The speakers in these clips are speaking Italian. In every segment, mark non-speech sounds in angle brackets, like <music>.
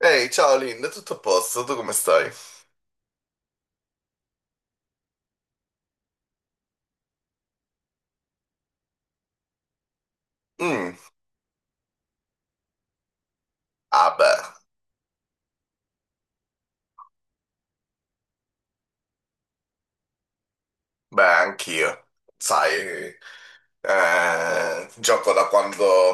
Ehi, ciao Linda, tutto a posto? Tu come stai? Mm, ah beh, beh, anch'io. Sai, gioco da quando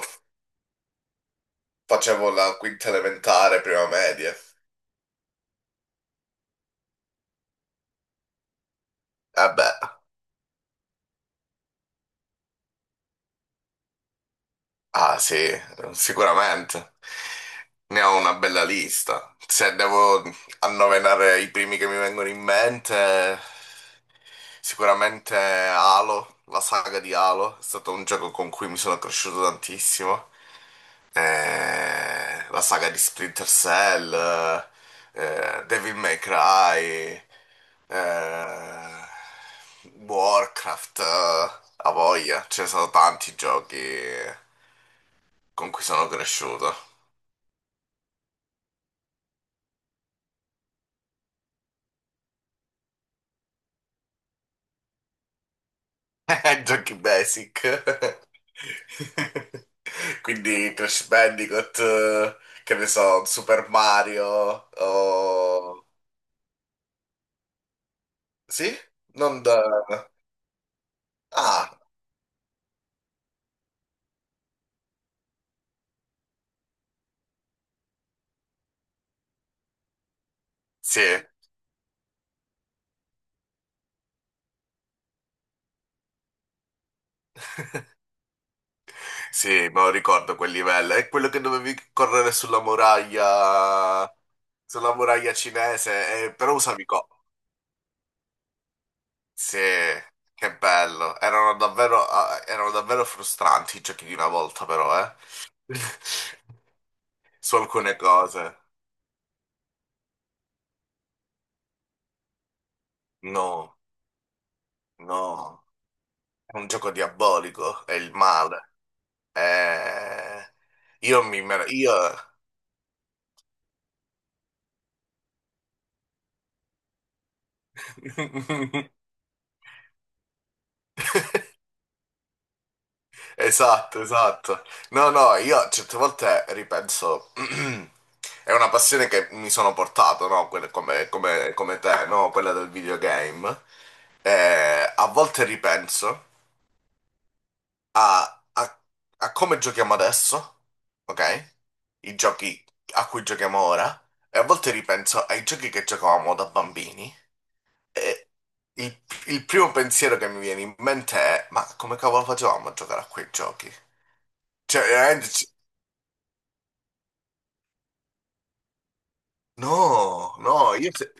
facevo la quinta elementare, prima media. Eh beh, ah sì, sicuramente. Ne ho una bella lista. Se devo annoverare i primi che mi vengono in mente, sicuramente Halo, la saga di Halo, è stato un gioco con cui mi sono cresciuto tantissimo. La saga di Splinter Cell, Devil May Cry, eh, Warcraft, a voglia, ce ne sono tanti giochi con cui sono cresciuto. <laughs> Giochi basic. <laughs> Quindi Crash Bandicoot, che ne so, Super Mario, o... Sì? Non da... Ah, sì. Sì, me lo ricordo quel livello. È quello che dovevi correre sulla muraglia cinese, però usavi co. Sì, che bello. Erano davvero, ah, erano davvero frustranti i giochi di una volta, però, eh. <laughs> Su alcune cose. No, no. È un gioco diabolico, è il male. Eh, Io... <laughs> Esatto, esatto. No, no, io certe volte ripenso, <clears throat> è una passione che mi sono portato, no? Come, come te, no? Quella del videogame. A volte ripenso a, a- a come giochiamo adesso, ok? I giochi a cui giochiamo ora, e a volte ripenso ai giochi che giocavamo da bambini. E il, il primo pensiero che mi viene in mente è: ma come cavolo facevamo a giocare a quei giochi? Cioè, veramente. No, no, io se,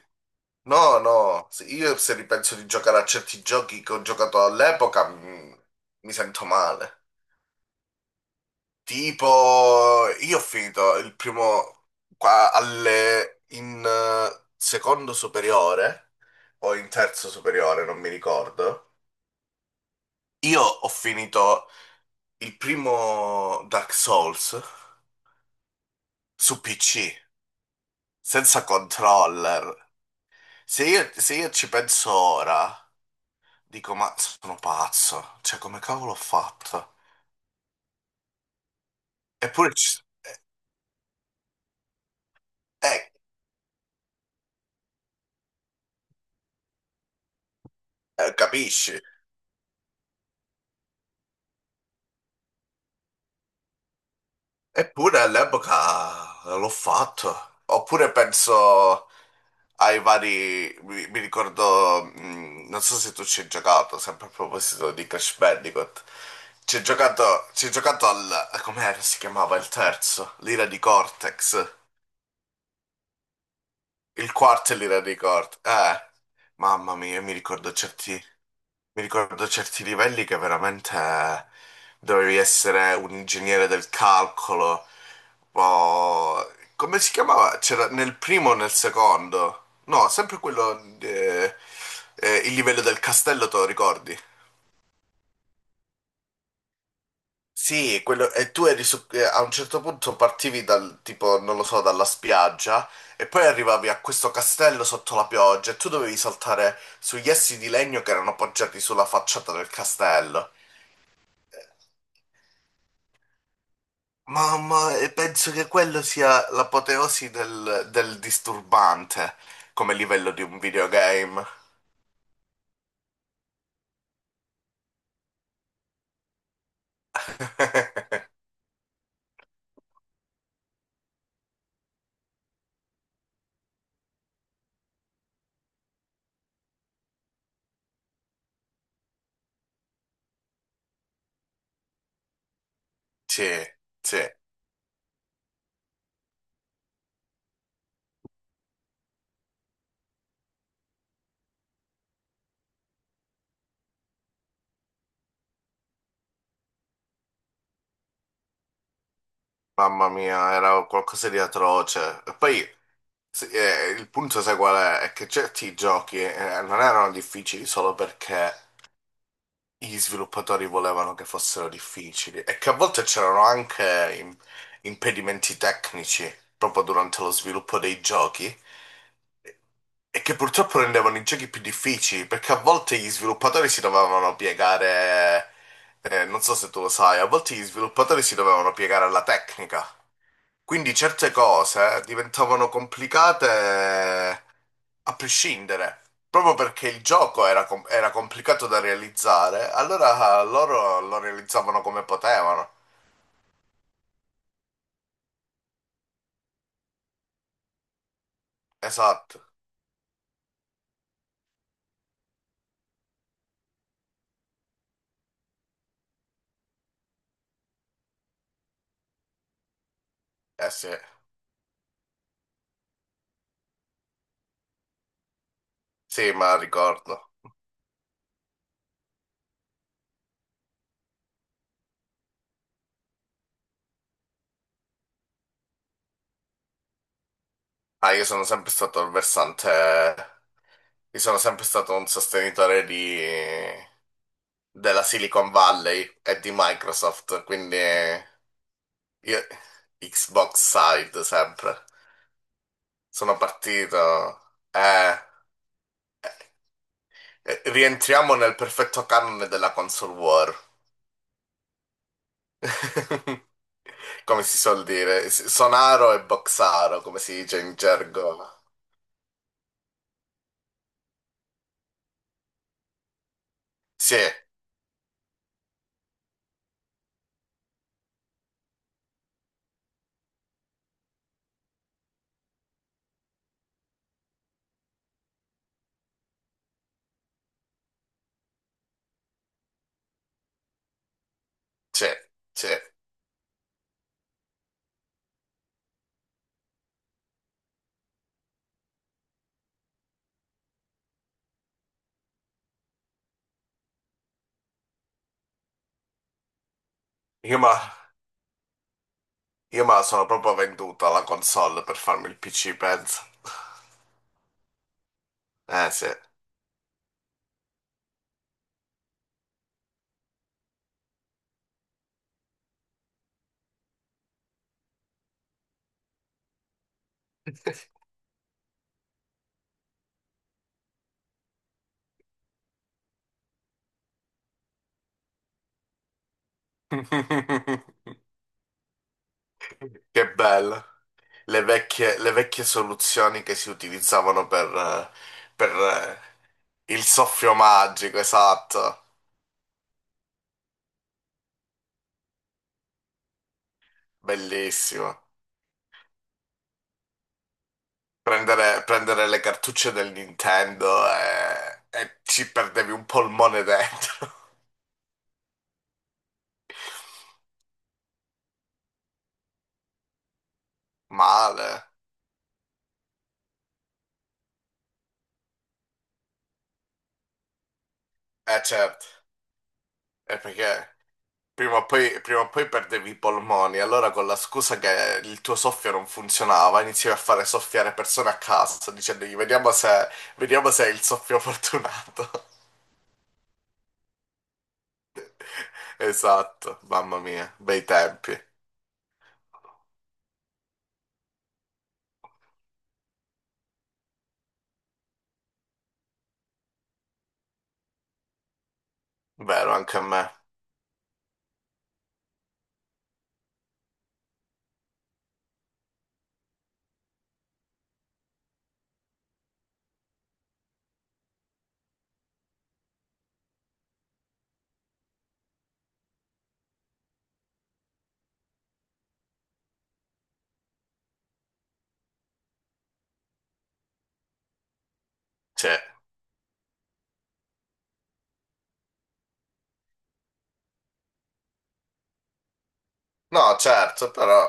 no, io se ripenso di giocare a certi giochi che ho giocato all'epoca sento male. Tipo, io ho finito il primo qua alle, in secondo superiore o in terzo superiore, non mi ricordo. Io ho finito il primo Dark Souls su PC, senza controller. Se io ci penso ora. Dico, ma sono pazzo, cioè come cavolo ho fatto? Eppure, eh, capisci? Eppure all'epoca l'ho fatto. Oppure penso ai vari, mi ricordo, non so se tu ci hai giocato, sempre a proposito di Crash Bandicoot. Ci hai giocato al, com'era si chiamava il terzo? L'ira di Cortex. Il quarto è l'ira di Cortex. Mamma mia, mi ricordo certi... Mi ricordo certi livelli che veramente dovevi essere un ingegnere del calcolo. Come si chiamava? C'era nel primo o nel secondo? No, sempre quello. Il livello del castello, te lo ricordi? Sì, quello, e tu eri su, a un certo punto partivi dal tipo, non lo so, dalla spiaggia e poi arrivavi a questo castello sotto la pioggia e tu dovevi saltare sugli essi di legno che erano appoggiati sulla facciata del castello. Mamma, e penso che quello sia l'apoteosi del disturbante come livello di un videogame. <laughs> Sì, sì, mamma mia, era qualcosa di atroce. E poi sì, il punto, sai qual è? È che certi giochi non erano difficili solo perché gli sviluppatori volevano che fossero difficili e che a volte c'erano anche impedimenti tecnici proprio durante lo sviluppo dei giochi e che purtroppo rendevano i giochi più difficili perché a volte gli sviluppatori si dovevano piegare, non so se tu lo sai, a volte gli sviluppatori si dovevano piegare alla tecnica. Quindi certe cose diventavano complicate a prescindere, proprio perché il gioco era, era complicato da realizzare, allora loro lo realizzavano come potevano. Esatto, eh sì, sì, ma ricordo. Ah, io sono sempre stato un sostenitore della Silicon Valley e di Microsoft, quindi io Xbox side sempre. Sono partito, rientriamo nel perfetto canone della console war. <laughs> Come si suol dire, sonaro e boxaro, come si dice in gergo. Sì, sì, sì. Io ma, io ma sono proprio venduto alla console per farmi il PC, penso. Eh sì. <laughs> Che bello. Le vecchie soluzioni che si utilizzavano per il soffio magico, esatto. Bellissimo. Prendere le cartucce del Nintendo e ci perdevi un polmone dentro. <laughs> Male. Eh certo, è perché prima o poi perdevi i polmoni, allora con la scusa che il tuo soffio non funzionava, iniziavi a fare soffiare persone a caso, dicendogli vediamo se è il soffio fortunato. <laughs> Esatto, mamma mia, bei tempi. Vero, anche a me. Cioè, no, certo, però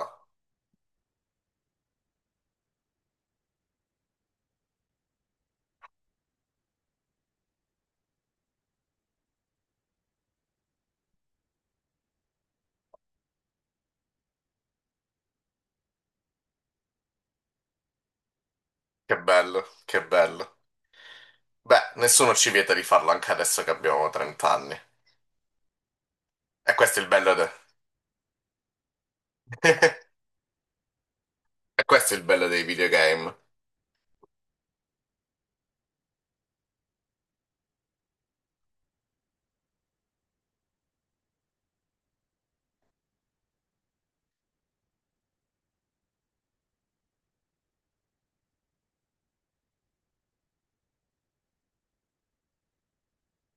che bello, che bello. Beh, nessuno ci vieta di farlo anche adesso che abbiamo 30 anni. E questo è il bello de- <laughs> E questo è il bello dei videogame.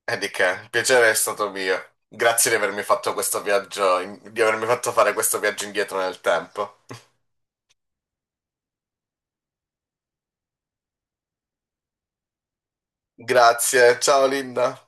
E di che, il piacere è stato mio. Grazie di avermi fatto questo viaggio, di avermi fatto fare questo viaggio indietro nel tempo. Grazie, ciao Linda.